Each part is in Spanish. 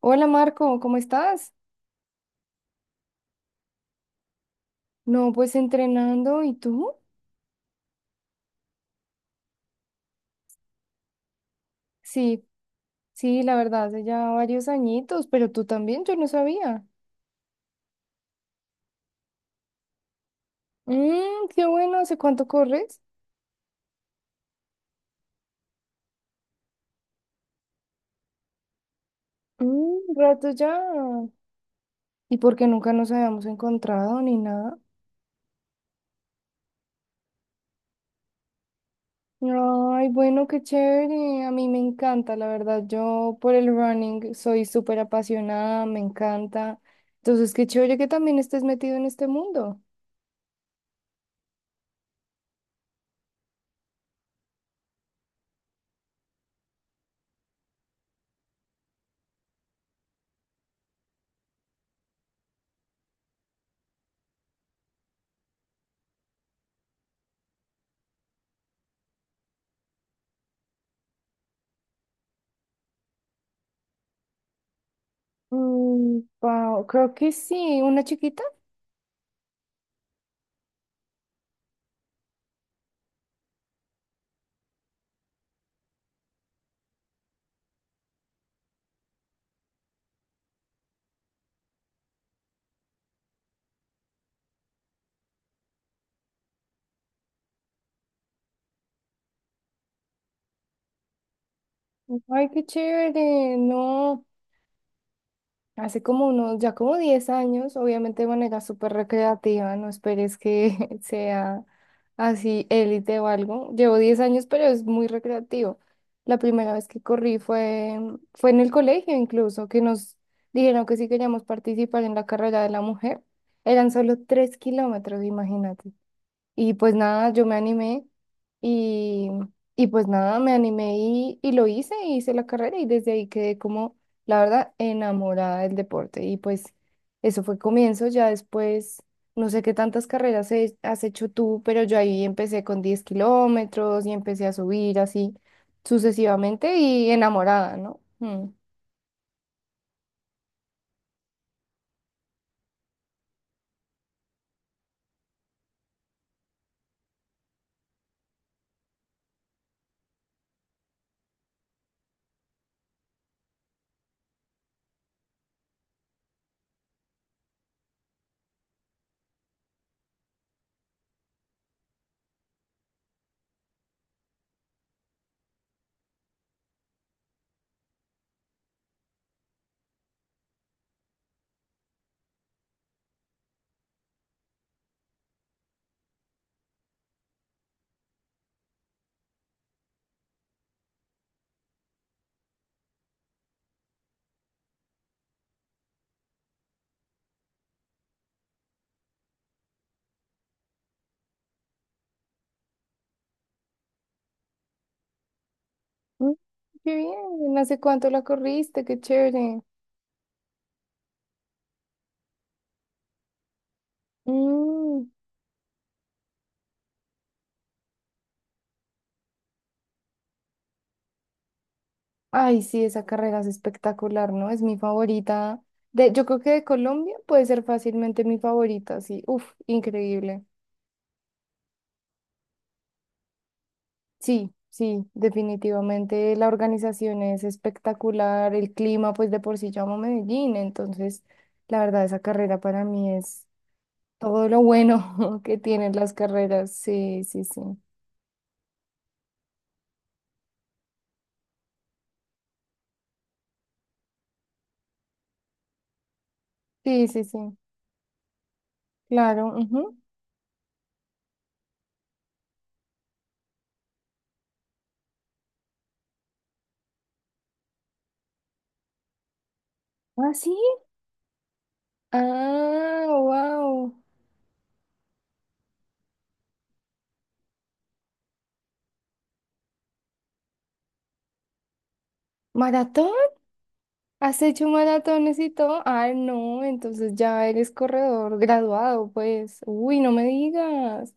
Hola Marco, ¿cómo estás? No, pues entrenando, ¿y tú? Sí, sí, la verdad, hace ya varios añitos, pero tú también, yo no sabía. Qué bueno, ¿hace cuánto corres? Rato ya. ¿Y por qué nunca nos habíamos encontrado ni nada? Ay, bueno, qué chévere, a mí me encanta, la verdad, yo por el running soy súper apasionada, me encanta. Entonces, qué chévere que también estés metido en este mundo. Wow, creo que sí, una chiquita. Ay, qué chévere, no. Hace como unos, ya como 10 años, obviamente de manera súper recreativa, no esperes que sea así élite o algo. Llevo 10 años, pero es muy recreativo. La primera vez que corrí fue, fue en el colegio incluso, que nos dijeron que si queríamos participar en la carrera de la mujer, eran solo 3 kilómetros, imagínate. Y pues nada, yo me animé y, y pues nada, me animé y lo hice, hice la carrera y desde ahí quedé como, la verdad, enamorada del deporte. Y pues eso fue comienzo, ya después, no sé qué tantas carreras has hecho tú, pero yo ahí empecé con 10 kilómetros y empecé a subir así sucesivamente y enamorada, ¿no? Mm. Mm, Qué bien, ¿hace cuánto la corriste? Qué chévere. Mm. Ay, sí, esa carrera es espectacular, ¿no? Es mi favorita. De, yo creo que de Colombia puede ser fácilmente mi favorita, sí. Uf, increíble. Sí, sí, definitivamente la organización es espectacular, el clima, pues de por sí llamo Medellín, entonces la verdad esa carrera para mí es todo lo bueno que tienen las carreras. Sí, sí, sí. Sí, sí, sí. Claro. Ujú. Ah, sí. Ah, wow. ¿Maratón? ¿Has hecho maratones y todo? Ah, no, entonces ya eres corredor graduado, pues. Uy, no me digas.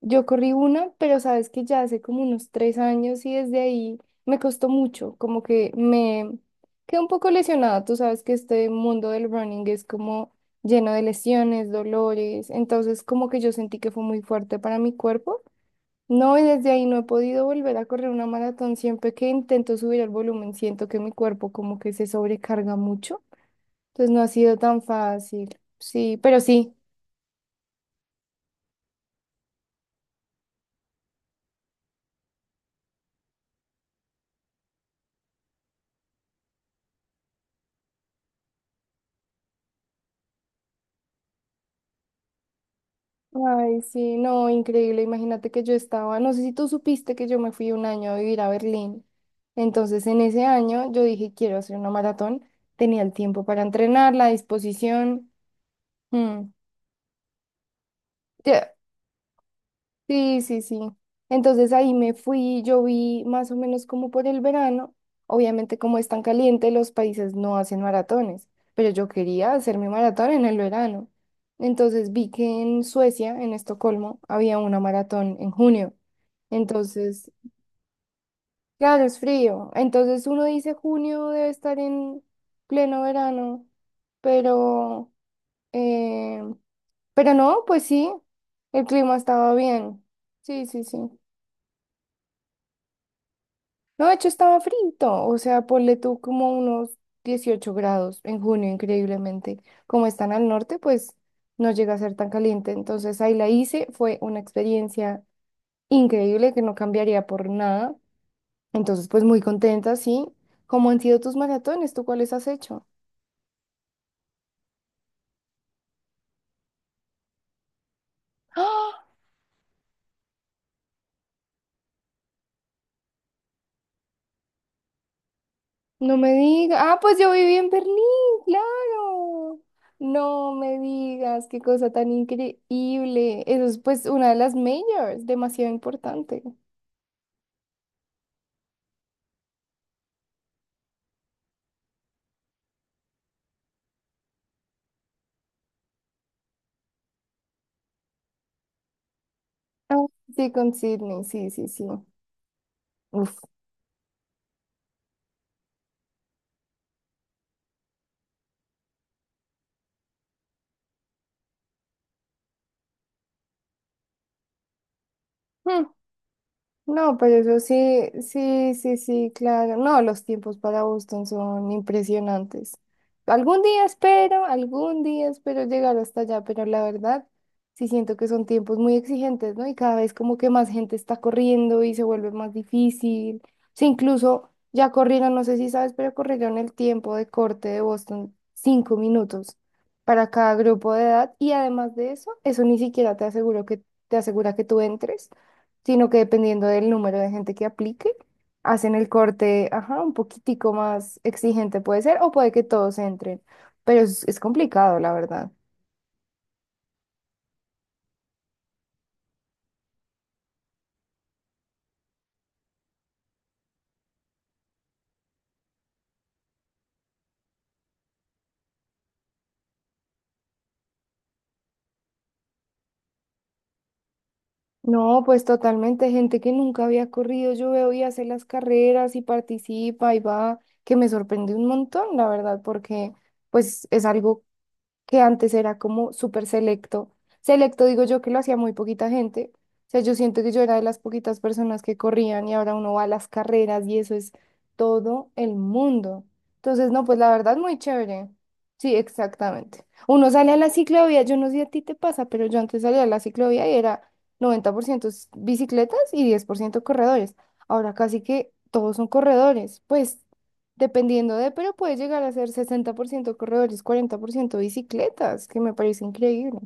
Yo corrí una, pero sabes que ya hace como unos 3 años y desde ahí me costó mucho, como que me quedé un poco lesionada. Tú sabes que este mundo del running es como lleno de lesiones, dolores, entonces como que yo sentí que fue muy fuerte para mi cuerpo. No, y desde ahí no he podido volver a correr una maratón. Siempre que intento subir el volumen, siento que mi cuerpo como que se sobrecarga mucho. Entonces no ha sido tan fácil. Sí, pero sí. Ay, sí, no, increíble. Imagínate que yo estaba, no sé si tú supiste que yo me fui un año a vivir a Berlín. Entonces en ese año yo dije, quiero hacer una maratón. Tenía el tiempo para entrenar, la disposición. Mm. Ya, sí, sí, sí. Entonces ahí me fui, yo vi más o menos como por el verano. Obviamente como es tan caliente, los países no hacen maratones, pero yo quería hacer mi maratón en el verano. Entonces vi que en Suecia, en Estocolmo, había una maratón en junio. Entonces, claro, es frío. Entonces uno dice junio debe estar en pleno verano, pero, eh, pero no, pues sí, el clima estaba bien. Sí, sí, sí. No, de hecho estaba frito, o sea, ponle tú como unos 18 grados en junio, increíblemente. Como están al norte, pues no llega a ser tan caliente. Entonces ahí la hice, fue una experiencia increíble que no cambiaría por nada. Entonces, pues muy contenta, sí. ¿Cómo han sido tus maratones? ¿Tú cuáles has hecho? ¡Ah! No me digas. Ah, pues yo viví en Berlín, claro. No me digas, qué cosa tan increíble. Eso es pues una de las majors, demasiado importante. Ah, sí, con Sydney, sí, sí, sí. Uf. Hmm. No, pero eso sí, sí, sí, sí, claro. No, los tiempos para Boston son impresionantes. Algún día espero llegar hasta allá, pero la verdad sí siento que son tiempos muy exigentes, ¿no? Y cada vez como que más gente está corriendo y se vuelve más difícil. Sí, incluso ya corrieron, no sé si sabes, pero corrieron el tiempo de corte de Boston, 5 minutos para cada grupo de edad. Y además de eso, eso ni siquiera te asegura que tú entres sino que dependiendo del número de gente que aplique, hacen el corte, ajá, un poquitico más exigente puede ser, o puede que todos entren, pero es complicado, la verdad. No, pues totalmente, gente que nunca había corrido, yo veo y hace las carreras y participa y va, que me sorprende un montón, la verdad, porque pues es algo que antes era como súper selecto. Selecto digo yo que lo hacía muy poquita gente. O sea, yo siento que yo era de las poquitas personas que corrían y ahora uno va a las carreras y eso es todo el mundo. Entonces, no, pues la verdad, muy chévere. Sí, exactamente. Uno sale a la ciclovía, yo no sé si a ti te pasa, pero yo antes salía a la ciclovía y era 90% bicicletas y 10% corredores. Ahora casi que todos son corredores. Pues dependiendo de, pero puede llegar a ser 60% corredores, 40% bicicletas, que me parece increíble.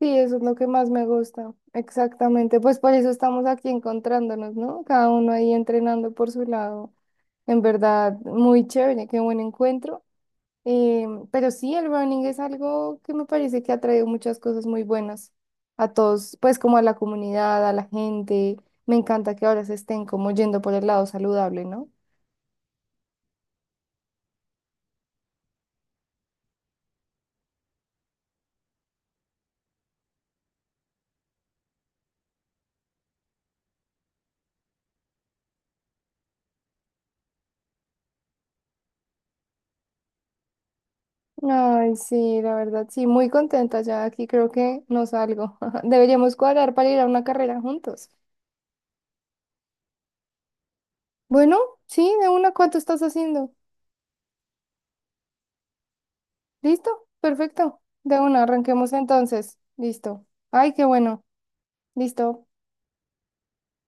Sí, eso es lo que más me gusta. Exactamente, pues por eso estamos aquí encontrándonos, ¿no? Cada uno ahí entrenando por su lado. En verdad, muy chévere, qué buen encuentro. Pero sí, el running es algo que me parece que ha traído muchas cosas muy buenas a todos, pues como a la comunidad, a la gente. Me encanta que ahora se estén como yendo por el lado saludable, ¿no? Ay, sí, la verdad, sí, muy contenta ya aquí, creo que no salgo. Deberíamos cuadrar para ir a una carrera juntos. Bueno, sí, de una, ¿cuánto estás haciendo? ¿Listo? Perfecto. De una, arranquemos entonces. Listo. Ay, qué bueno. Listo.